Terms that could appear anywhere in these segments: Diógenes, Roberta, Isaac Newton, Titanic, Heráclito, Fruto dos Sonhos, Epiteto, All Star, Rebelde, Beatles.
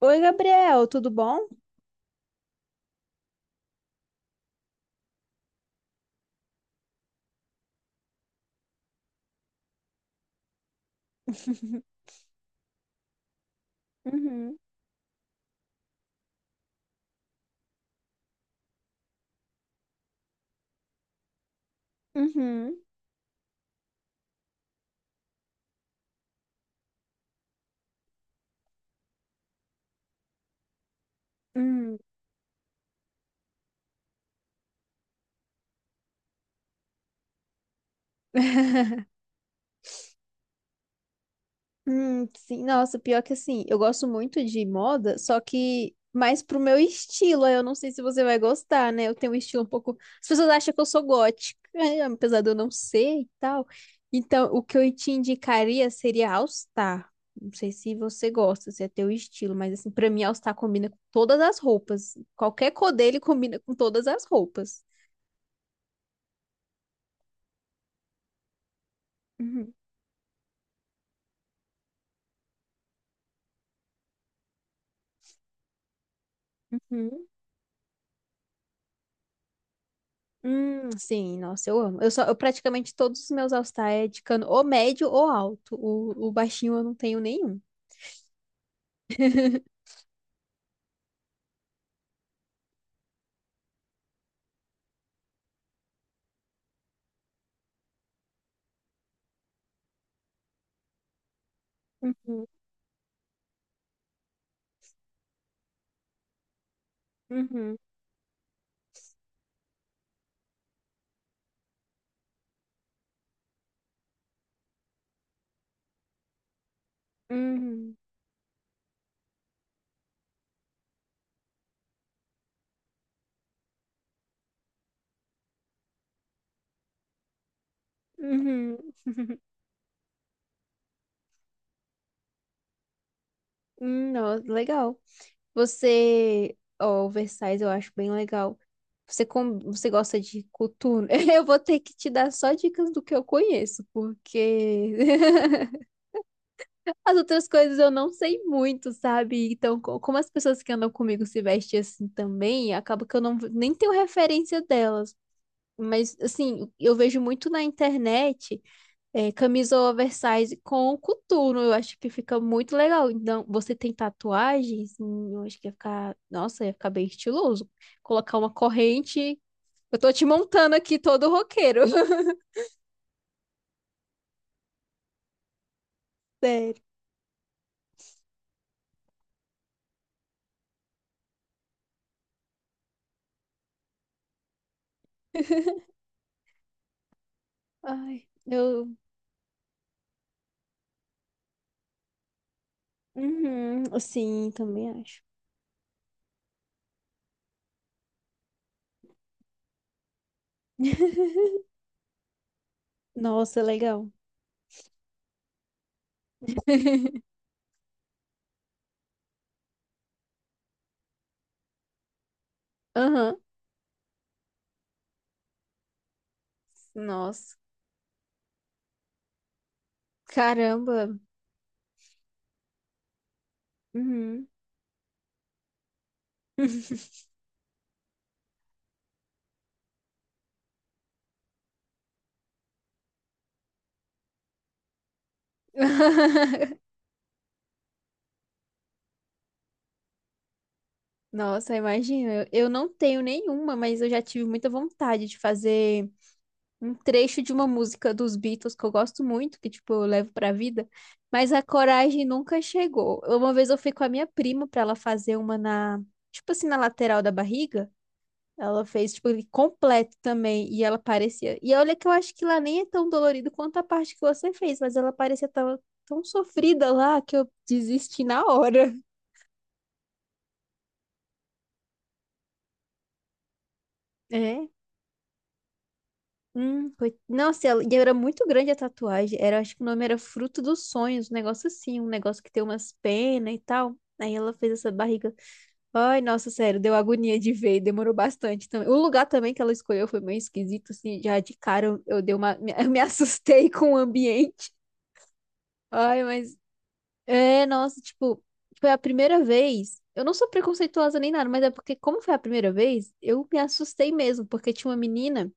Oi, Gabriel, tudo bom? Uhum. Uhum. Hum. Sim, nossa, pior que assim, eu gosto muito de moda, só que mais pro meu estilo, aí eu não sei se você vai gostar, né? Eu tenho um estilo um pouco. As pessoas acham que eu sou gótica, né? Apesar de eu não ser e tal. Então, o que eu te indicaria seria All Star. Não sei se você gosta, se é teu estilo, mas assim, pra mim, All Star combina com todas as roupas. Qualquer cor dele combina com todas as roupas. Uhum. Uhum. Sim, nossa, eu amo. Eu praticamente todos os meus All-Star é de cano ou médio ou alto. O baixinho eu não tenho nenhum. Uhum. Uhum. Uhum. Uhum. Nossa, legal. Oversize eu acho bem legal. Você gosta de coturno? Eu vou ter que te dar só dicas do que eu conheço, porque as outras coisas eu não sei muito, sabe? Então, como as pessoas que andam comigo se vestem assim também, acaba que eu não nem tenho referência delas. Mas, assim, eu vejo muito na internet camisa oversize com coturno. Eu acho que fica muito legal. Então, você tem tatuagens? Hum. Eu acho que ia ficar. Nossa, ia ficar bem estiloso. Colocar uma corrente. Eu tô te montando aqui todo roqueiro. Sério. Ai, eu. Uhum, sim, também acho. Nossa, legal. Aham. Nossa. Caramba. Uhum. Nossa, imagina. Eu não tenho nenhuma, mas eu já tive muita vontade de fazer um trecho de uma música dos Beatles que eu gosto muito, que tipo, eu levo pra vida, mas a coragem nunca chegou. Uma vez eu fui com a minha prima pra ela fazer uma na, tipo assim, na lateral da barriga. Ela fez, tipo, ele completo também. E ela parecia. E olha que eu acho que lá nem é tão dolorido quanto a parte que você fez, mas ela parecia tão, tão sofrida lá que eu desisti na hora. É. Nossa, ela... e era muito grande a tatuagem. Era, acho que o nome era Fruto dos Sonhos, um negócio assim, um negócio que tem umas penas e tal. Aí ela fez essa barriga. Ai, nossa, sério, deu agonia de ver, demorou bastante também. O lugar também que ela escolheu foi meio esquisito, assim, já de cara eu dei uma, me, eu me assustei com o ambiente. Ai, mas é, nossa, tipo, foi a primeira vez. Eu não sou preconceituosa nem nada, mas é porque, como foi a primeira vez, eu me assustei mesmo, porque tinha uma menina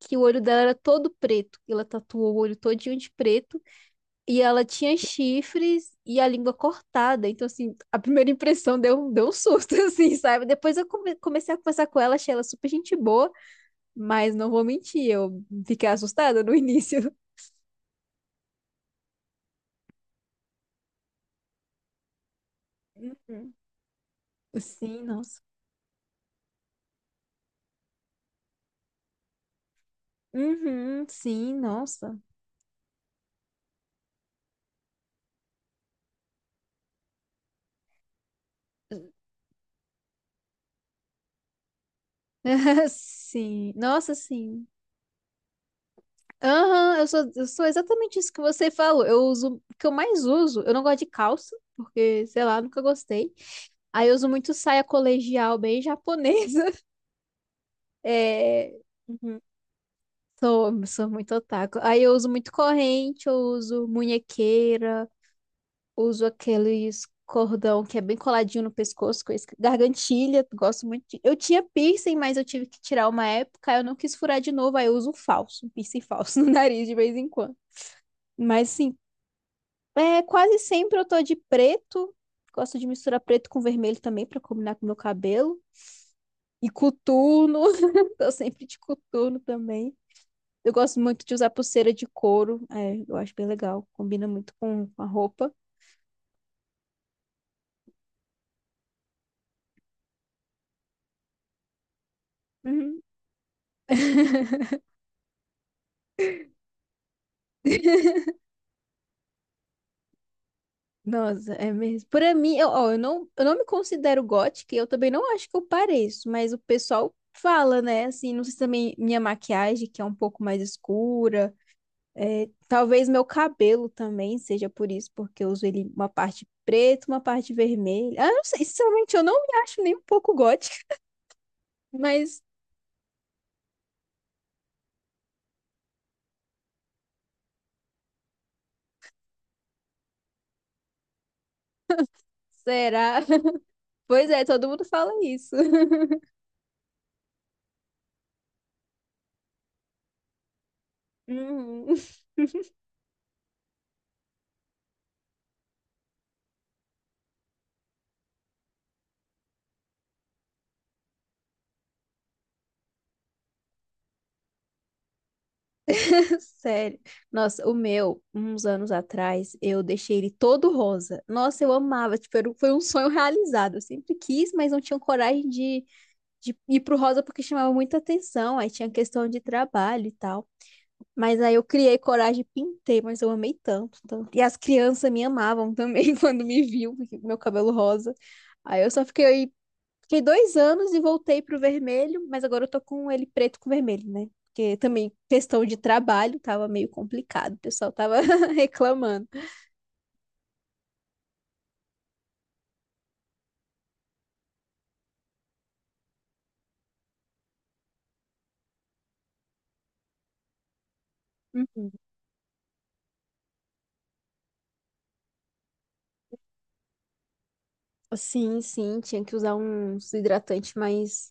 que o olho dela era todo preto. Ela tatuou o olho todinho de preto e ela tinha chifres e a língua cortada. Então, assim, a primeira impressão deu um susto, assim, sabe? Depois eu comecei a conversar com ela, achei ela super gente boa, mas não vou mentir, eu fiquei assustada no início. Uhum. Sim, nossa. Uhum, sim, nossa. Sim, nossa, sim. Aham, eu sou exatamente isso que você falou. O que eu mais uso, eu não gosto de calça, porque, sei lá, nunca gostei. Aí eu uso muito saia colegial, bem japonesa. É. Uhum. Sou muito otaku. Aí eu uso muito corrente, eu uso munhequeira, uso aqueles cordão que é bem coladinho no pescoço, com gargantilha, gosto muito. Eu tinha piercing, mas eu tive que tirar uma época, eu não quis furar de novo, aí eu uso um falso, um piercing falso no nariz de vez em quando. Mas sim, é, quase sempre eu tô de preto, gosto de misturar preto com vermelho também pra combinar com meu cabelo. E coturno, tô sempre de coturno também. Eu gosto muito de usar pulseira de couro, é, eu acho bem legal, combina muito com a roupa. Uhum. Nossa, é mesmo. Para mim, eu, ó, eu não me considero gótica, e eu também não acho que eu pareço, mas o pessoal fala, né? Assim, não sei se também minha maquiagem, que é um pouco mais escura, é, talvez meu cabelo também seja por isso, porque eu uso ele uma parte preta, uma parte vermelha. Ah, eu não sei, sinceramente, eu não me acho nem um pouco gótica, mas será? Pois é, todo mundo fala isso. Uhum. Sério. Nossa, o meu, uns anos atrás, eu deixei ele todo rosa. Nossa, eu amava. Foi um sonho realizado. Eu sempre quis, mas não tinha coragem de ir pro rosa porque chamava muita atenção. Aí tinha questão de trabalho e tal. Mas aí eu criei coragem e pintei, mas eu amei tanto, tanto. E as crianças me amavam também quando me viam, porque meu cabelo rosa. Aí eu só fiquei Fiquei 2 anos e voltei pro vermelho, mas agora eu tô com ele preto com vermelho, né? Porque também questão de trabalho tava meio complicado, o pessoal tava reclamando. Hum. Sim, sim, tinha que usar uns hidratantes mais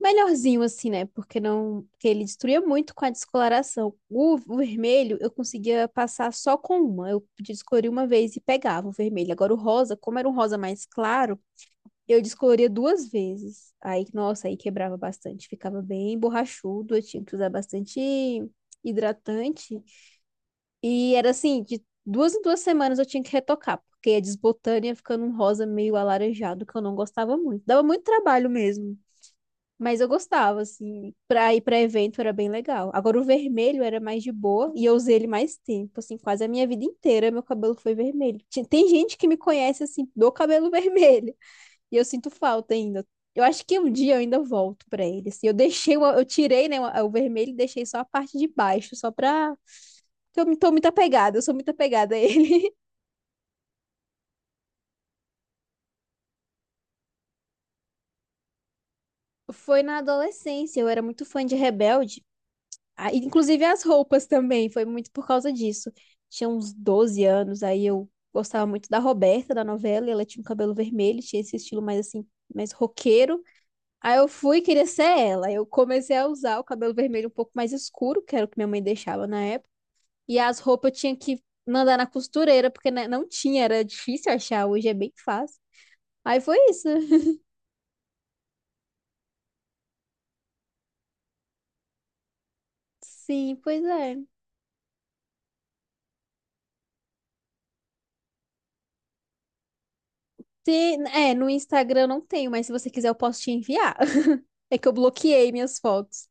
melhorzinho assim, né? Porque não, porque ele destruía muito com a descoloração. O vermelho eu conseguia passar só com uma, eu podia escolher uma vez e pegava o vermelho. Agora o rosa, como era um rosa mais claro, eu descoloria 2 vezes. Aí, nossa, aí quebrava bastante. Ficava bem borrachudo. Eu tinha que usar bastante hidratante. E era assim, de 2 em 2 semanas eu tinha que retocar, porque ia desbotando e ia ficando um rosa meio alaranjado, que eu não gostava muito. Dava muito trabalho mesmo. Mas eu gostava, assim, pra ir pra evento era bem legal. Agora o vermelho era mais de boa e eu usei ele mais tempo, assim, quase a minha vida inteira meu cabelo foi vermelho. Tem gente que me conhece, assim, do cabelo vermelho. E eu sinto falta ainda. Eu acho que um dia eu ainda volto pra ele. Assim. Eu tirei, né, o vermelho e deixei só a parte de baixo, só pra. Tô muito apegada, eu sou muito apegada a ele. Foi na adolescência, eu era muito fã de Rebelde. Ah, inclusive as roupas também, foi muito por causa disso. Tinha uns 12 anos, aí eu gostava muito da Roberta, da novela, e ela tinha um cabelo vermelho, tinha esse estilo mais assim, mais roqueiro. Aí eu fui e queria ser ela. Eu comecei a usar o cabelo vermelho um pouco mais escuro, que era o que minha mãe deixava na época. E as roupas eu tinha que mandar na costureira, porque né, não tinha, era difícil achar, hoje é bem fácil. Aí foi isso. Sim, pois é. É, no Instagram eu não tenho, mas se você quiser eu posso te enviar. É que eu bloqueei minhas fotos.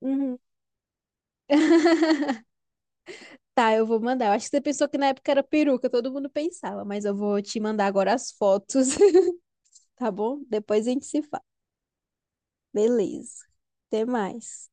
Uhum. Tá, eu vou mandar. Eu acho que você pensou que na época era peruca, todo mundo pensava, mas eu vou te mandar agora as fotos, tá bom? Depois a gente se fala. Beleza. Até mais.